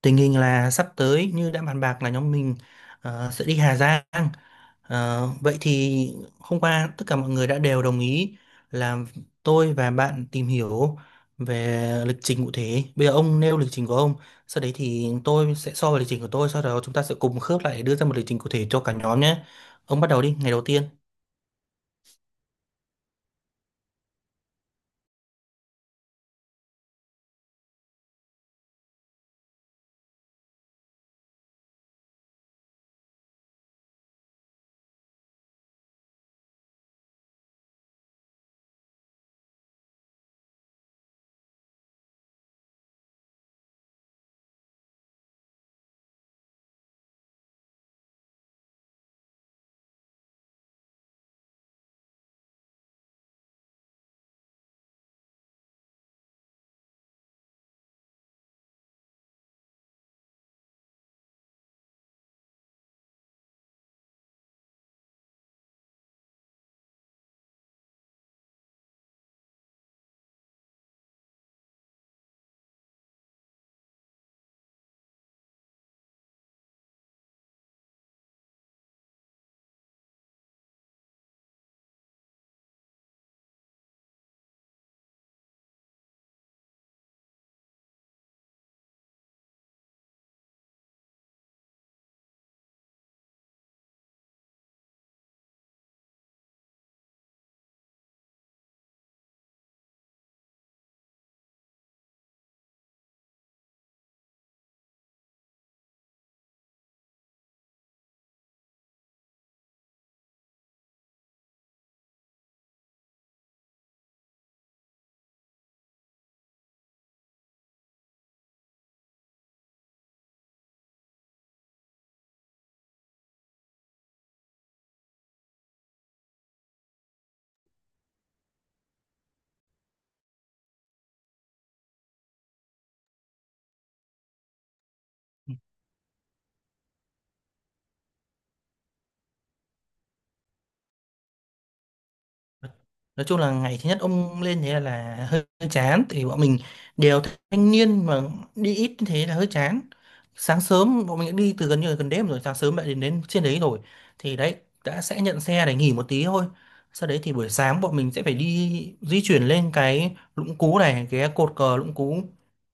Tình hình là sắp tới như đã bàn bạc là nhóm mình sẽ đi Hà Giang. Vậy thì hôm qua tất cả mọi người đã đều đồng ý là tôi và bạn tìm hiểu về lịch trình cụ thể. Bây giờ ông nêu lịch trình của ông, sau đấy thì tôi sẽ so với lịch trình của tôi, sau đó chúng ta sẽ cùng khớp lại để đưa ra một lịch trình cụ thể cho cả nhóm nhé. Ông bắt đầu đi, ngày đầu tiên. Nói chung là ngày thứ nhất ông lên thế là hơi hơi chán. Thì bọn mình đều thanh niên mà, đi ít như thế là hơi chán. Sáng sớm bọn mình đã đi từ gần như là gần đêm, rồi sáng sớm đã đến đến trên đấy rồi, thì đấy đã sẽ nhận xe để nghỉ một tí thôi. Sau đấy thì buổi sáng bọn mình sẽ phải đi di chuyển lên cái Lũng Cú này, cái cột cờ Lũng Cú.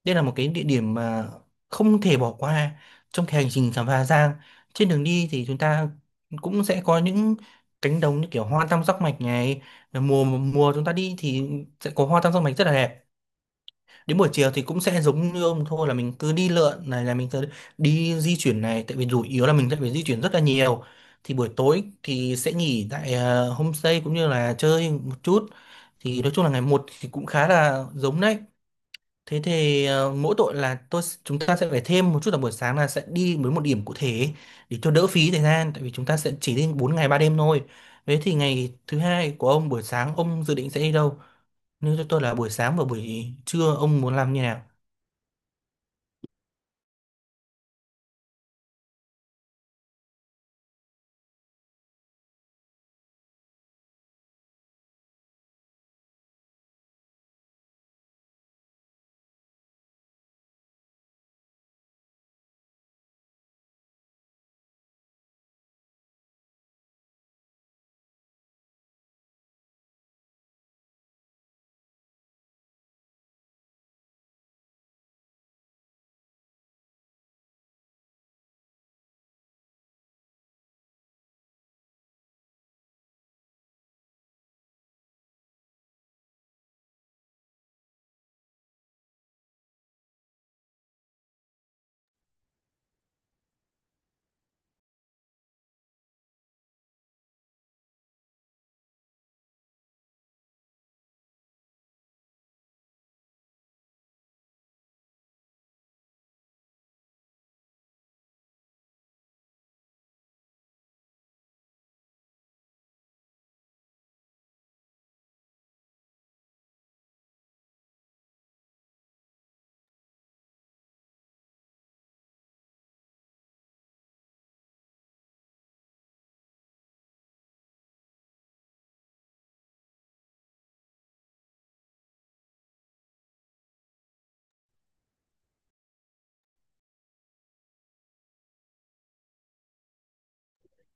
Đây là một cái địa điểm mà không thể bỏ qua trong cái hành trình khám phá Giang. Trên đường đi thì chúng ta cũng sẽ có những cánh đồng như kiểu hoa tam giác mạch này, mùa mùa chúng ta đi thì sẽ có hoa tam giác mạch rất là đẹp. Đến buổi chiều thì cũng sẽ giống như ông thôi, là mình cứ đi lượn này, là mình cứ đi di chuyển này, tại vì chủ yếu là mình sẽ phải di chuyển rất là nhiều. Thì buổi tối thì sẽ nghỉ tại homestay cũng như là chơi một chút. Thì nói chung là ngày một thì cũng khá là giống đấy. Thế thì mỗi tội là tôi chúng ta sẽ phải thêm một chút là buổi sáng là sẽ đi với một điểm cụ thể để cho đỡ phí thời gian, tại vì chúng ta sẽ chỉ đi 4 ngày 3 đêm thôi. Thế thì ngày thứ hai của ông buổi sáng ông dự định sẽ đi đâu? Nếu cho tôi là buổi sáng và buổi trưa ông muốn làm như nào?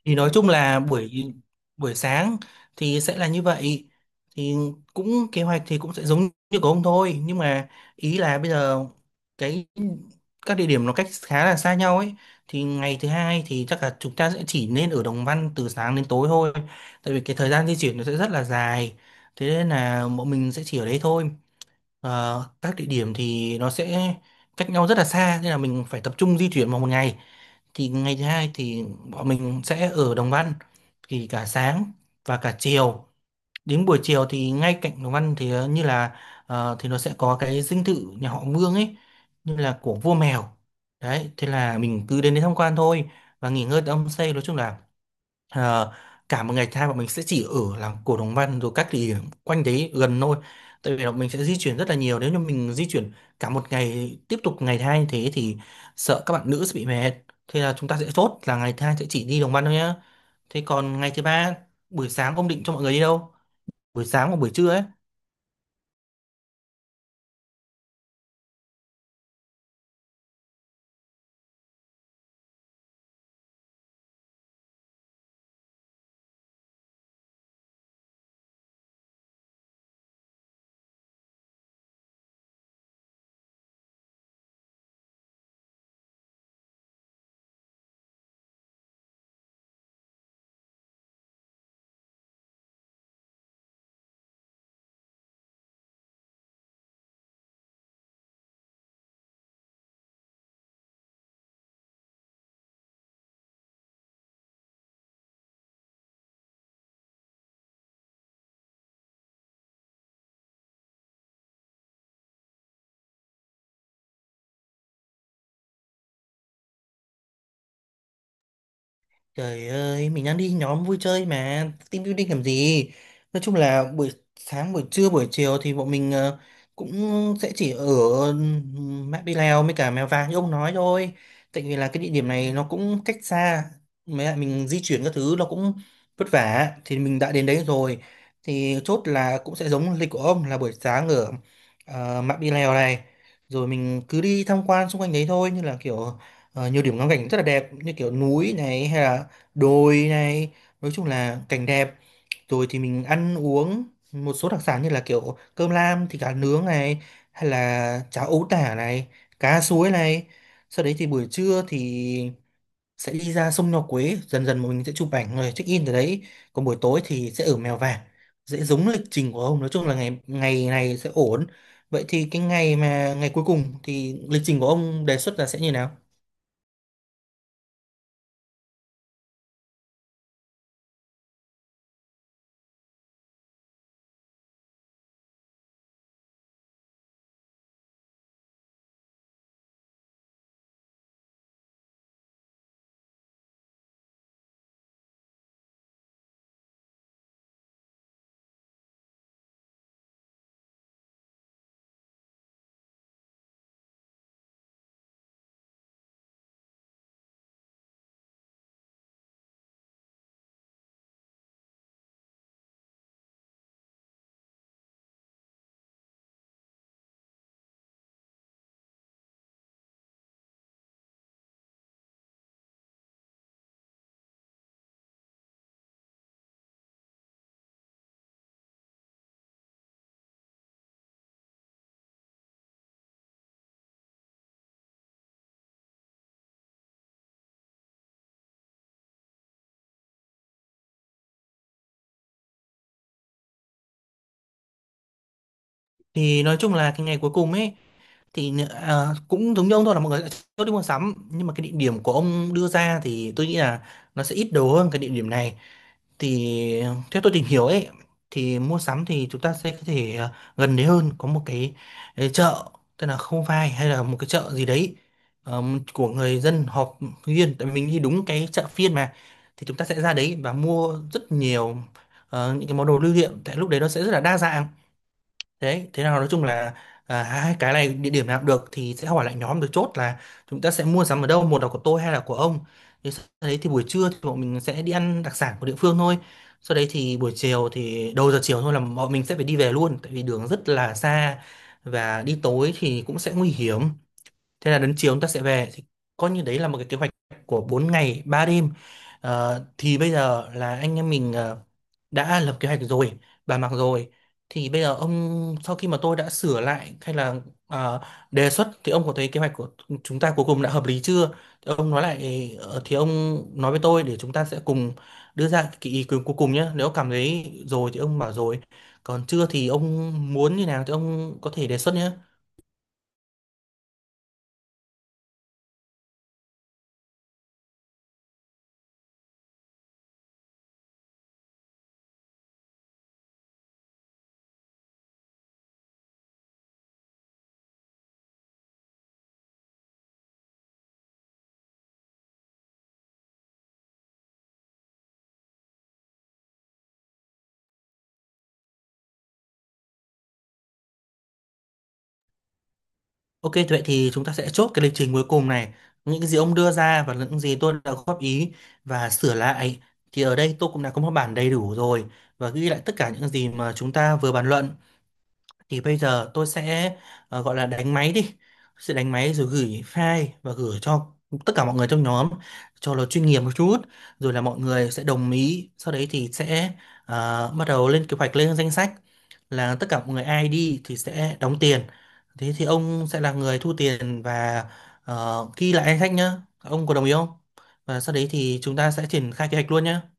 Thì nói chung là buổi buổi sáng thì sẽ là như vậy. Thì cũng kế hoạch thì cũng sẽ giống như của ông thôi, nhưng mà ý là bây giờ cái các địa điểm nó cách khá là xa nhau ấy. Thì ngày thứ hai thì chắc là chúng ta sẽ chỉ nên ở Đồng Văn từ sáng đến tối thôi. Tại vì cái thời gian di chuyển nó sẽ rất là dài. Thế nên là bọn mình sẽ chỉ ở đấy thôi. Các địa điểm thì nó sẽ cách nhau rất là xa, nên là mình phải tập trung di chuyển vào một ngày. Thì ngày thứ hai thì bọn mình sẽ ở Đồng Văn, thì cả sáng và cả chiều. Đến buổi chiều thì ngay cạnh Đồng Văn thì như là thì nó sẽ có cái dinh thự nhà họ Vương ấy, như là của vua mèo. Đấy, thế là mình cứ đến đấy tham quan thôi và nghỉ ngơi tại homestay. Nói chung là Ờ, cả một ngày hai bọn mình sẽ chỉ ở làng Cổ Đồng Văn rồi các địa điểm quanh đấy gần thôi, tại vì là mình sẽ di chuyển rất là nhiều. Nếu như mình di chuyển cả một ngày tiếp tục ngày hai như thế thì sợ các bạn nữ sẽ bị mệt. Thế là chúng ta sẽ chốt là ngày hai sẽ chỉ đi Đồng Văn thôi nhá. Thế còn ngày thứ ba buổi sáng ông định cho mọi người đi đâu, buổi sáng hoặc buổi trưa ấy? Trời ơi, mình đang đi nhóm vui chơi mà, team building làm gì? Nói chung là buổi sáng, buổi trưa, buổi chiều thì bọn mình cũng sẽ chỉ ở Mã Pí Lèo với cả Mèo Vạc như ông nói thôi. Tại vì là cái địa điểm này nó cũng cách xa, mấy lại mình di chuyển các thứ nó cũng vất vả. Thì mình đã đến đấy rồi, thì chốt là cũng sẽ giống lịch của ông, là buổi sáng ở Mã Pí Lèo này. Rồi mình cứ đi tham quan xung quanh đấy thôi, như là kiểu nhiều điểm ngắm cảnh rất là đẹp, như kiểu núi này hay là đồi này, nói chung là cảnh đẹp. Rồi thì mình ăn uống một số đặc sản như là kiểu cơm lam thịt cá nướng này, hay là cháo ấu tả này, cá suối này. Sau đấy thì buổi trưa thì sẽ đi ra sông Nho Quế, dần dần mình sẽ chụp ảnh rồi check in từ đấy. Còn buổi tối thì sẽ ở Mèo Vạc, dễ giống lịch trình của ông. Nói chung là ngày ngày này sẽ ổn. Vậy thì cái ngày mà ngày cuối cùng thì lịch trình của ông đề xuất là sẽ như nào? Thì nói chung là cái ngày cuối cùng ấy thì cũng giống như ông thôi, là mọi người sẽ chốt đi mua sắm, nhưng mà cái địa điểm của ông đưa ra thì tôi nghĩ là nó sẽ ít đồ hơn cái địa điểm này. Thì theo tôi tìm hiểu ấy thì mua sắm thì chúng ta sẽ có thể gần đấy hơn, có một cái chợ tên là Khâu Vai hay là một cái chợ gì đấy, ờ, của người dân họp riêng, tại vì mình đi đúng cái chợ phiên mà. Thì chúng ta sẽ ra đấy và mua rất nhiều những cái món đồ lưu niệm, tại lúc đấy nó sẽ rất là đa dạng. Thế, thế nào nói chung là hai cái này địa điểm nào cũng được, thì sẽ hỏi lại nhóm được chốt là chúng ta sẽ mua sắm ở đâu, một là của tôi hay là của ông. Thì sau đấy thì buổi trưa thì bọn mình sẽ đi ăn đặc sản của địa phương thôi. Sau đấy thì buổi chiều thì đầu giờ chiều thôi là bọn mình sẽ phải đi về luôn, tại vì đường rất là xa và đi tối thì cũng sẽ nguy hiểm. Thế là đến chiều chúng ta sẽ về, thì coi như đấy là một cái kế hoạch của 4 ngày 3 đêm. Thì bây giờ là anh em mình đã lập kế hoạch rồi, bàn bạc rồi. Thì bây giờ ông sau khi mà tôi đã sửa lại hay là ờ, đề xuất, thì ông có thấy kế hoạch của chúng ta cuối cùng đã hợp lý chưa? Thì ông nói lại, thì ông nói với tôi để chúng ta sẽ cùng đưa ra cái ý kiến cuối cùng nhé. Nếu cảm thấy rồi thì ông bảo rồi. Còn chưa thì ông muốn như nào thì ông có thể đề xuất nhé. Ok, vậy thì chúng ta sẽ chốt cái lịch trình cuối cùng này. Những cái gì ông đưa ra và những gì tôi đã góp ý và sửa lại thì ở đây tôi cũng đã có một bản đầy đủ rồi và ghi lại tất cả những gì mà chúng ta vừa bàn luận. Thì bây giờ tôi sẽ gọi là đánh máy đi, sẽ đánh máy rồi gửi file và gửi cho tất cả mọi người trong nhóm cho nó chuyên nghiệp một chút. Rồi là mọi người sẽ đồng ý, sau đấy thì sẽ bắt đầu lên kế hoạch, lên danh sách là tất cả mọi người ai đi thì sẽ đóng tiền. Thế thì ông sẽ là người thu tiền và ghi lại danh sách nhá. Ông có đồng ý không? Và sau đấy thì chúng ta sẽ triển khai kế hoạch luôn nhá.